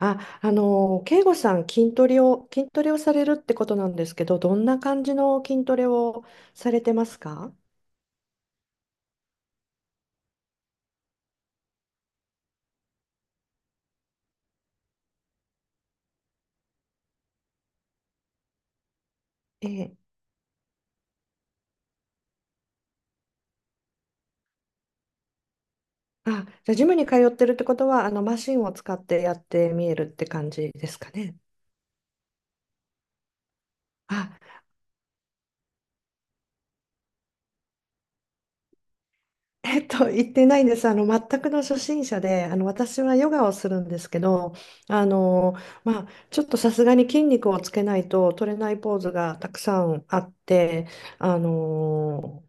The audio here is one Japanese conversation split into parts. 慶吾さん、筋トレをされるってことなんですけど、どんな感じの筋トレをされてますか？ええ。あ、じゃあ、ジムに通ってるってことは、マシンを使ってやってみえるって感じですかね。あ、言ってないんです。全くの初心者で、私はヨガをするんですけど、あの、まあ、ちょっとさすがに筋肉をつけないと取れないポーズがたくさんあって、あの、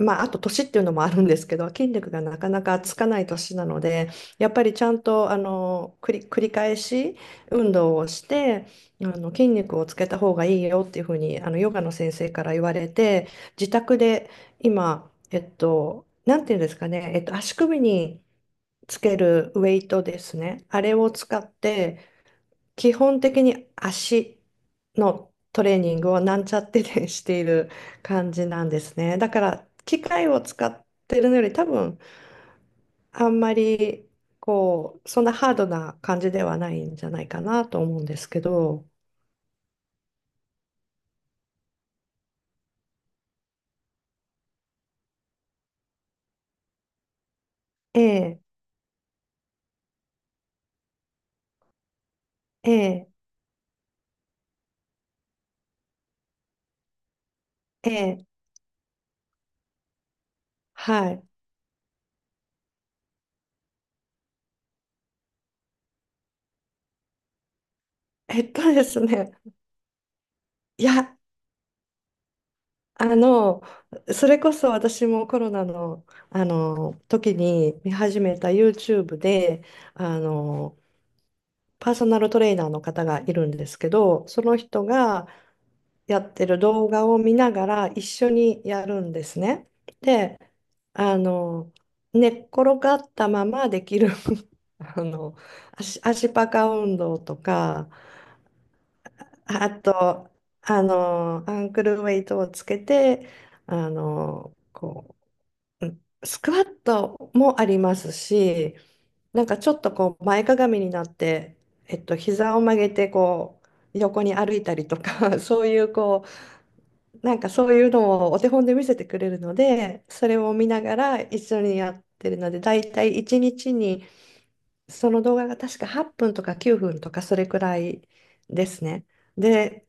まあ、あと年っていうのもあるんですけど、筋力がなかなかつかない年なので、やっぱりちゃんと繰り返し運動をして、筋肉をつけた方がいいよっていうふうにヨガの先生から言われて、自宅で今、なんていうんですかね、足首につけるウェイトですね、あれを使って、基本的に足のトレーニングをなんちゃってでしている感じなんですね。だから機械を使ってるのより多分あんまりこうそんなハードな感じではないんじゃないかなと思うんですけど。ええ、ええ、ええ、はい。えっとですね。いや、あの、それこそ私もコロナの、あの時に見始めた YouTube で、あの、パーソナルトレーナーの方がいるんですけど、その人がやってる動画を見ながら一緒にやるんですね。で、あの、寝っ転がったままできる あの、足パカ運動とか、あと、アンクルウェイトをつけて、こう、スクワットもありますし、なんかちょっとこう前かがみになって、膝を曲げてこう横に歩いたりとか そういうこうなんかそういうのをお手本で見せてくれるので、それを見ながら一緒にやってるので、だいたい1日にちに、その動画が確か8分とか9分とかそれくらいですね。で、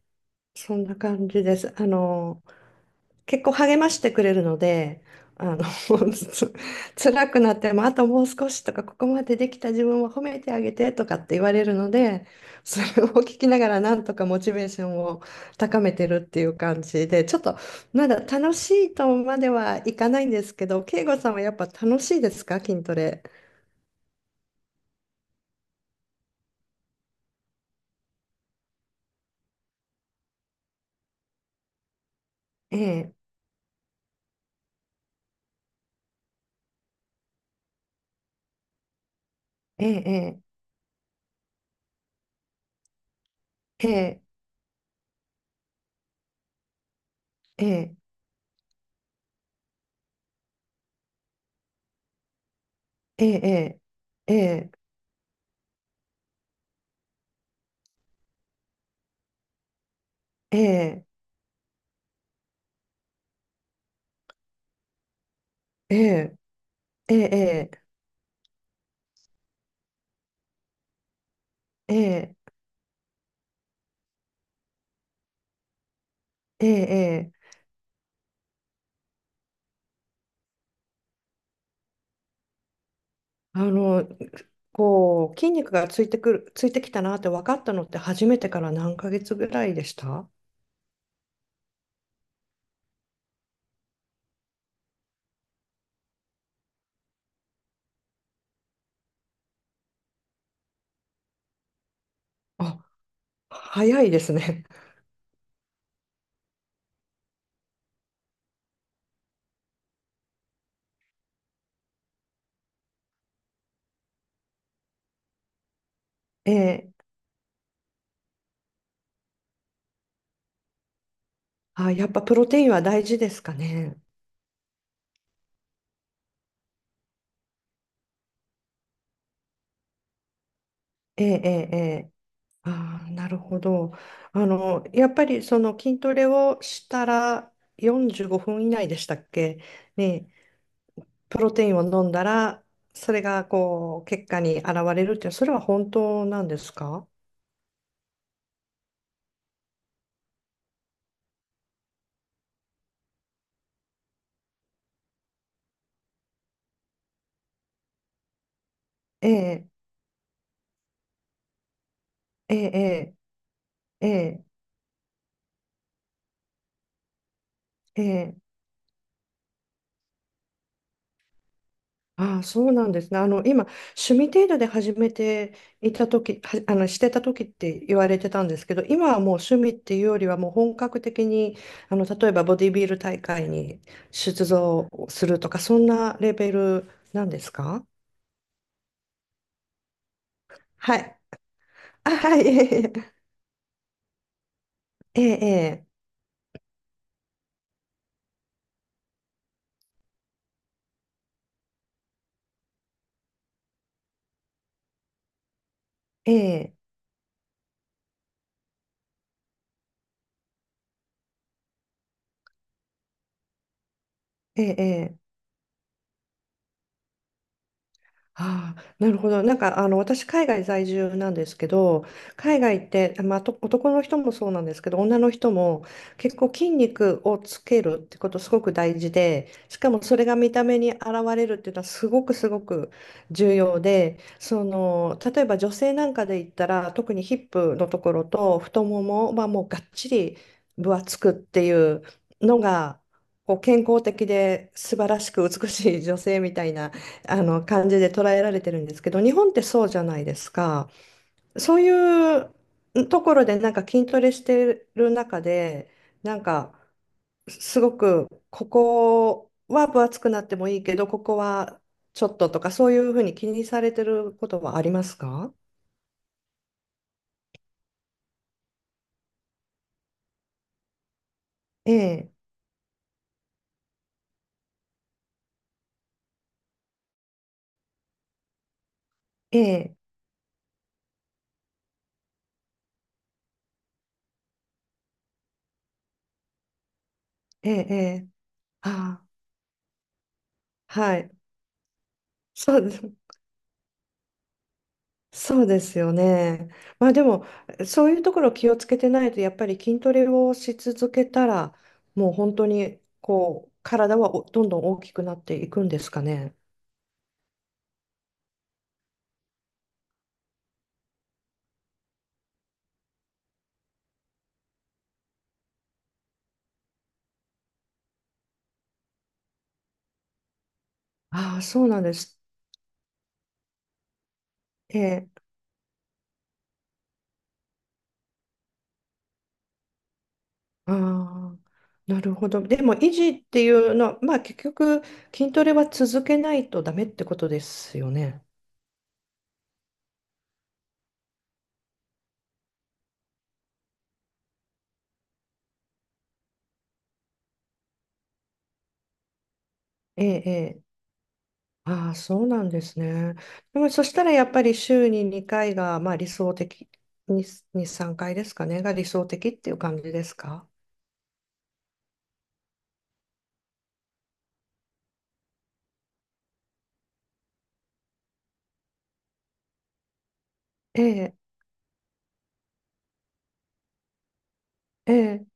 そんな感じです。結構励ましてくれるので、あの、つ辛くなっても、あともう少しとか、ここまでできた自分を褒めてあげてとかって言われるので、それを聞きながらなんとかモチベーションを高めてるっていう感じで、ちょっとまだ楽しいとまではいかないんですけど、慶吾さんはやっぱ楽しいですか、筋トレ？ええ、ええ、ええ、ええ、ええ、ええ、ええ、ええ、ええ、ええ、ええ、ええ、あの、こう、筋肉がついてくる、ついてきたなって分かったのって、初めてから何ヶ月ぐらいでした？あ、早いですね。ええ、あ、やっぱプロテインは大事ですかね。ええ、ええ、ええ。ああ、なるほど。やっぱりその筋トレをしたら45分以内でしたっけね、プロテインを飲んだら、それがこう、結果に現れるって、それは本当なんですか？ええ、ええ、ええ、ええ、ええ。ああ、そうなんですね。今、趣味程度で始めていた時は、してた時って言われてたんですけど、今はもう趣味っていうよりはもう本格的に、例えばボディビル大会に出場するとか、そんなレベルなんですか？はい。あ、はい。ええ、ええ、ええ、ええ、ええ、ええ。ああ、なるほど。なんか、私、海外在住なんですけど、海外って、まあ、と男の人もそうなんですけど、女の人も結構筋肉をつけるってことすごく大事で、しかもそれが見た目に現れるっていうのはすごくすごく重要で、その、例えば女性なんかで言ったら、特にヒップのところと太ももはもうがっちり分厚くっていうのが、こう健康的で素晴らしく美しい女性みたいな、あの感じで捉えられてるんですけど、日本ってそうじゃないですか。そういうところで、なんか筋トレしてる中で、なんかすごくここは分厚くなってもいいけど、ここはちょっととか、そういうふうに気にされてることはありますか？ええ、ええ、ええ、ええ。ああ、はい。そうです。そうですよね。まあでも、そういうところ気をつけてないと、やっぱり筋トレをし続けたら、もう本当にこう、体はどんどん大きくなっていくんですかね。ああ、そうなんですって。ああ、なるほど。でも、維持っていうのは、まあ結局、筋トレは続けないとダメってことですよね。ええ、ええ。ああ、そうなんですね。でもそしたらやっぱり週に2回が、まあ、理想的、に2、3回ですかね、が理想的っていう感じですか？ええ、ええ。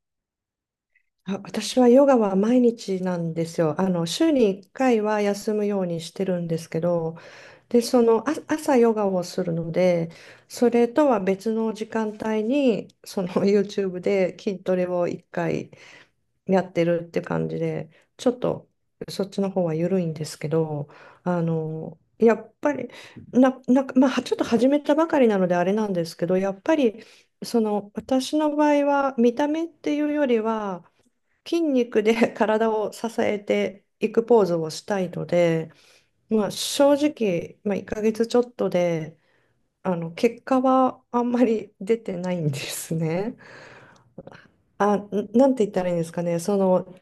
あ、私はヨガは毎日なんですよ。週に1回は休むようにしてるんですけど、で、その、あ、朝ヨガをするので、それとは別の時間帯に、その YouTube で筋トレを1回やってるって感じで、ちょっとそっちの方は緩いんですけど、やっぱり、なんか、まあ、ちょっと始めたばかりなのであれなんですけど、やっぱり、その、私の場合は、見た目っていうよりは、筋肉で 体を支えていくポーズをしたいので、まあ、正直、まあ、1ヶ月ちょっとで、結果はあんまり出てないんですね。あ、なんて言ったらいいんですかね。その、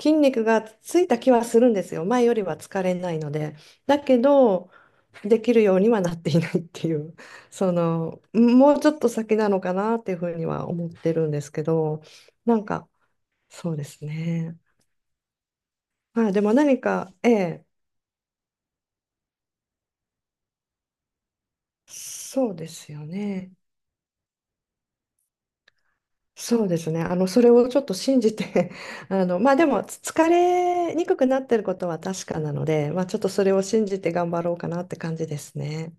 筋肉がついた気はするんですよ。前よりは疲れないので。だけど、できるようにはなっていないっていう、その、もうちょっと先なのかなっていうふうには思ってるんですけど、なんか、そうですね。まあ、でも何か、ええ、そうですよね。そうですね。それをちょっと信じて まあでも、疲れにくくなってることは確かなので、まあちょっとそれを信じて頑張ろうかなって感じですね。